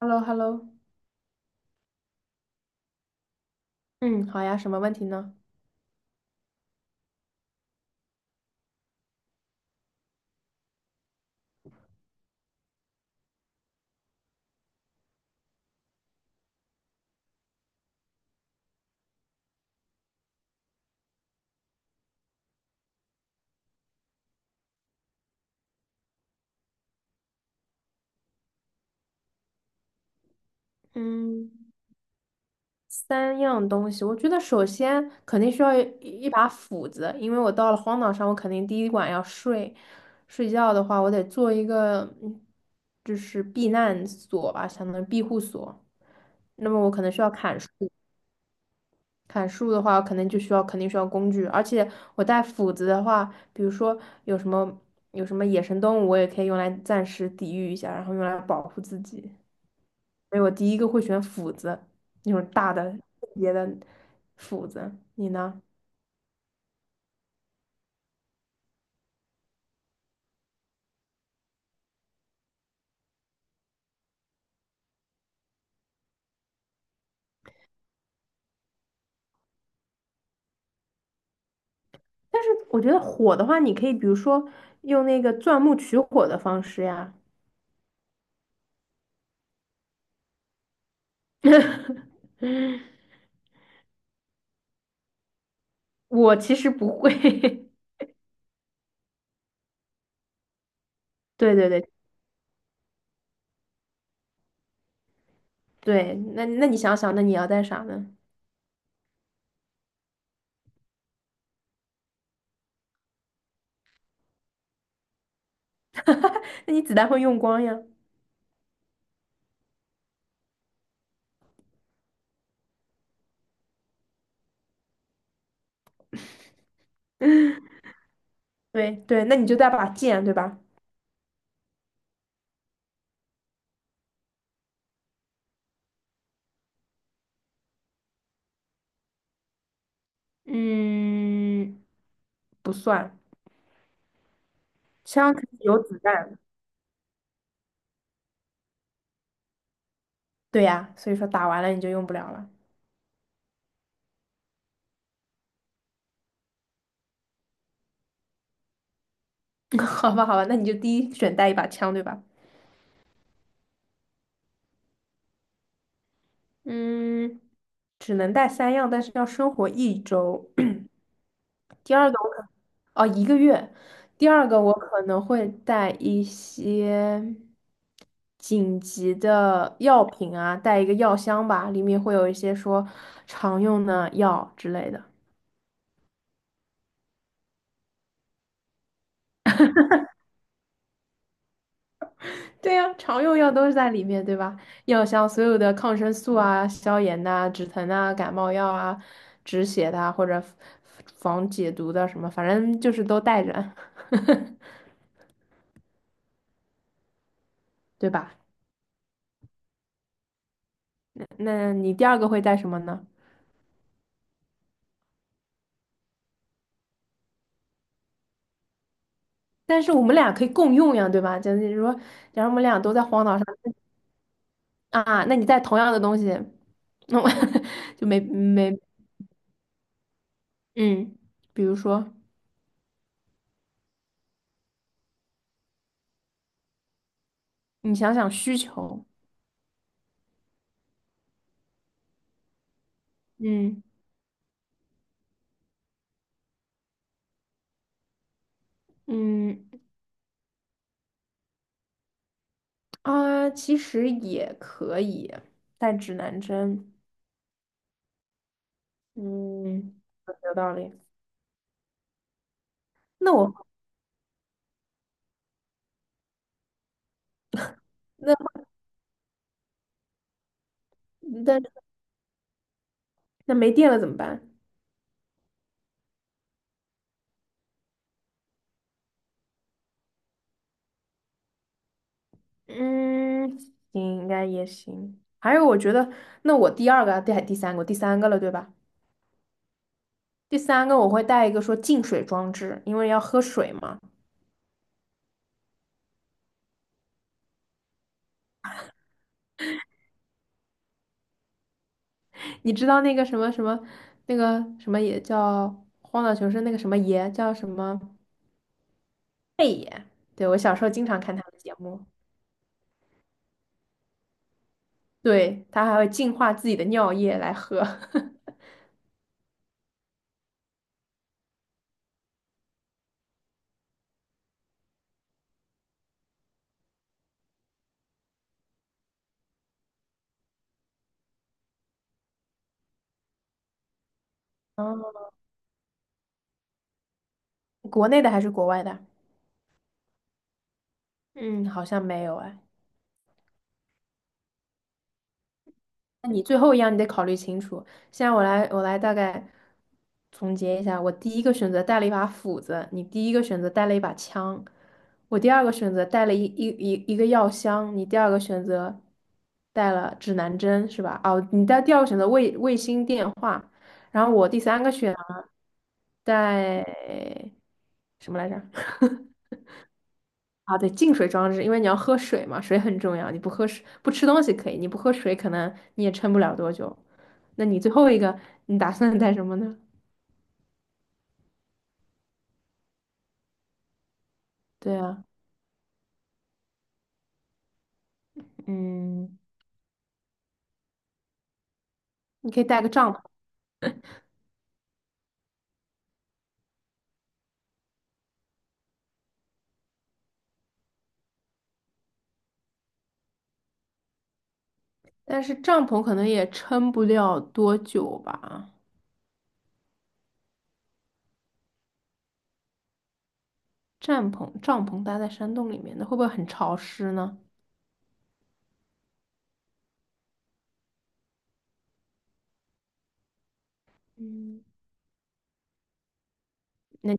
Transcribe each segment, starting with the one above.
Hello hello 嗯，好呀，什么问题呢？嗯，三样东西，我觉得首先肯定需要一把斧子，因为我到了荒岛上，我肯定第一晚要睡。睡觉的话，我得做一个就是避难所吧，相当于庇护所。那么我可能需要砍树，砍树的话，可能就需要肯定需要工具，而且我带斧子的话，比如说有什么有什么野生动物，我也可以用来暂时抵御一下，然后用来保护自己。所以我第一个会选斧子，那种大的特别的斧子。你呢？但是我觉得火的话，你可以比如说用那个钻木取火的方式呀。我其实不会。对对对对，那你想想，那你要带啥呢？那你子弹会用光呀。对对，那你就带把剑，对吧？嗯，不算，枪可以有子弹。对呀，所以说打完了你就用不了了。好吧，好吧，那你就第一选带一把枪，对吧？嗯，只能带三样，但是要生活一周。第二个我可，哦，一个月。第二个我可能会带一些紧急的药品啊，带一个药箱吧，里面会有一些说常用的药之类的。对呀，常用药都是在里面，对吧？药箱所有的抗生素啊、消炎呐、止疼啊、感冒药啊、止血的啊或者防解毒的什么，反正就是都带着，对吧？那你第二个会带什么呢？但是我们俩可以共用呀，对吧？就是说，假如我们俩都在荒岛上啊，那你带同样的东西，那我 就没没嗯，比如说你想想需求，嗯嗯。啊，其实也可以带指南针。嗯，有道理。那我那那那没电了怎么办？嗯，行，应该也行。还有，我觉得那我第三个了，对吧？第三个我会带一个说净水装置，因为要喝水嘛。你知道那个什么那个什么也叫荒岛求生那个什么爷叫什么？对，我小时候经常看他的节目。对，它还会净化自己的尿液来喝。哦，国内的还是国外的？嗯，好像没有哎。那你最后一样你得考虑清楚。现在我来大概总结一下：我第一个选择带了一把斧子，你第一个选择带了一把枪，我第二个选择带了一个药箱，你第二个选择带了指南针是吧？哦，你带第二个选择卫星电话，然后我第三个选择带什么来着？啊，对，净水装置，因为你要喝水嘛，水很重要。你不喝水，不吃东西可以，你不喝水，可能你也撑不了多久。那你最后一个，你打算带什么呢？对啊，嗯，你可以带个帐篷，但是帐篷可能也撑不了多久吧。帐篷搭在山洞里面，那会不会很潮湿呢？嗯那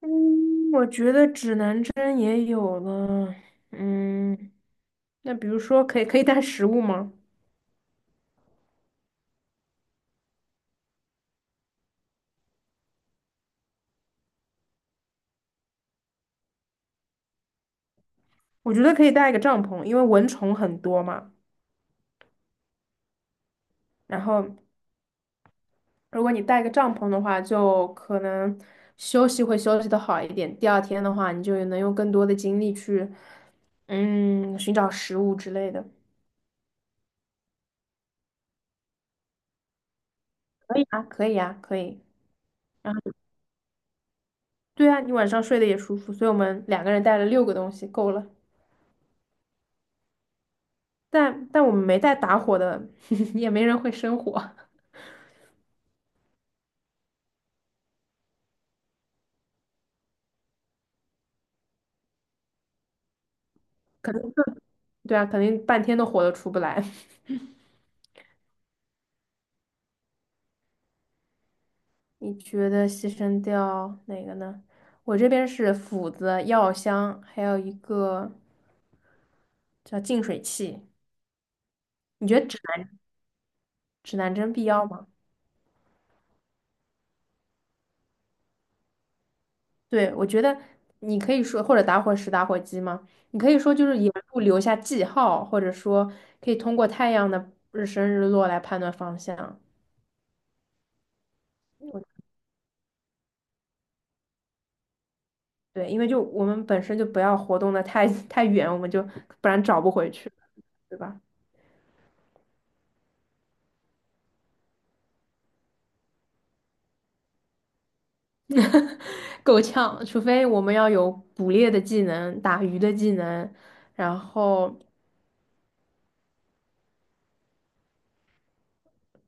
嗯，我觉得指南针也有了。嗯，那比如说可以带食物吗？我觉得可以带一个帐篷，因为蚊虫很多嘛。然后，如果你带个帐篷的话，就可能休息的好一点。第二天的话，你就能用更多的精力去，寻找食物之类的。可以啊，可以啊，可以。然后，对啊，你晚上睡得也舒服，所以我们两个人带了六个东西，够了。但我们没带打火的，也没人会生火，可能对啊，肯定半天的火都出不来。你觉得牺牲掉哪个呢？我这边是斧子、药箱，还有一个叫净水器。你觉得指南针必要吗？对，我觉得你可以说，或者打火石、打火机吗？你可以说就是沿路留下记号，或者说可以通过太阳的日升日落来判断方向。我对，因为就我们本身就不要活动的太远，我们就不然找不回去了，对吧？够呛，除非我们要有捕猎的技能、打鱼的技能，然后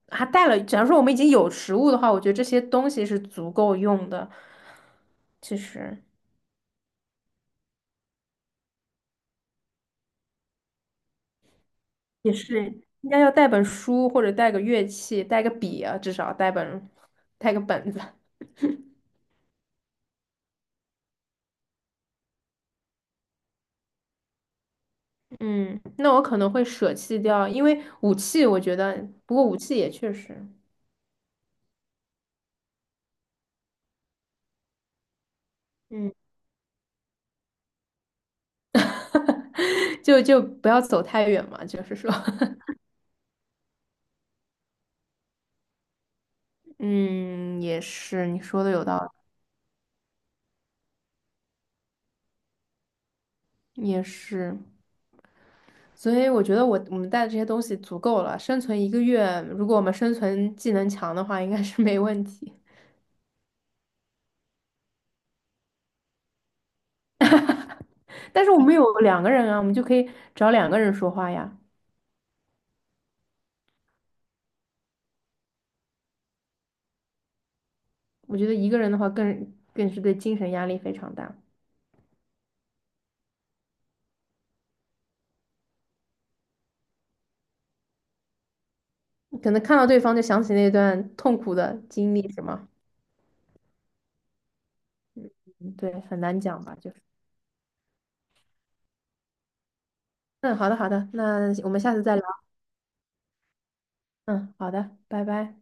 还带了。假如说我们已经有食物的话，我觉得这些东西是足够用的。其实也是应该要带本书或者带个乐器，带个笔啊，至少带个本子。嗯，那我可能会舍弃掉，因为武器我觉得，不过武器也确实，嗯，就不要走太远嘛，就是说。嗯，也是，你说的有道理，也是。所以我觉得我们带的这些东西足够了，生存一个月，如果我们生存技能强的话，应该是没问题。但是我们有两个人啊，我们就可以找两个人说话呀。我觉得一个人的话更是对精神压力非常大，可能看到对方就想起那段痛苦的经历，是吗？嗯对，很难讲吧，就是嗯，好的好的，那我们下次再聊。嗯，好的，拜拜。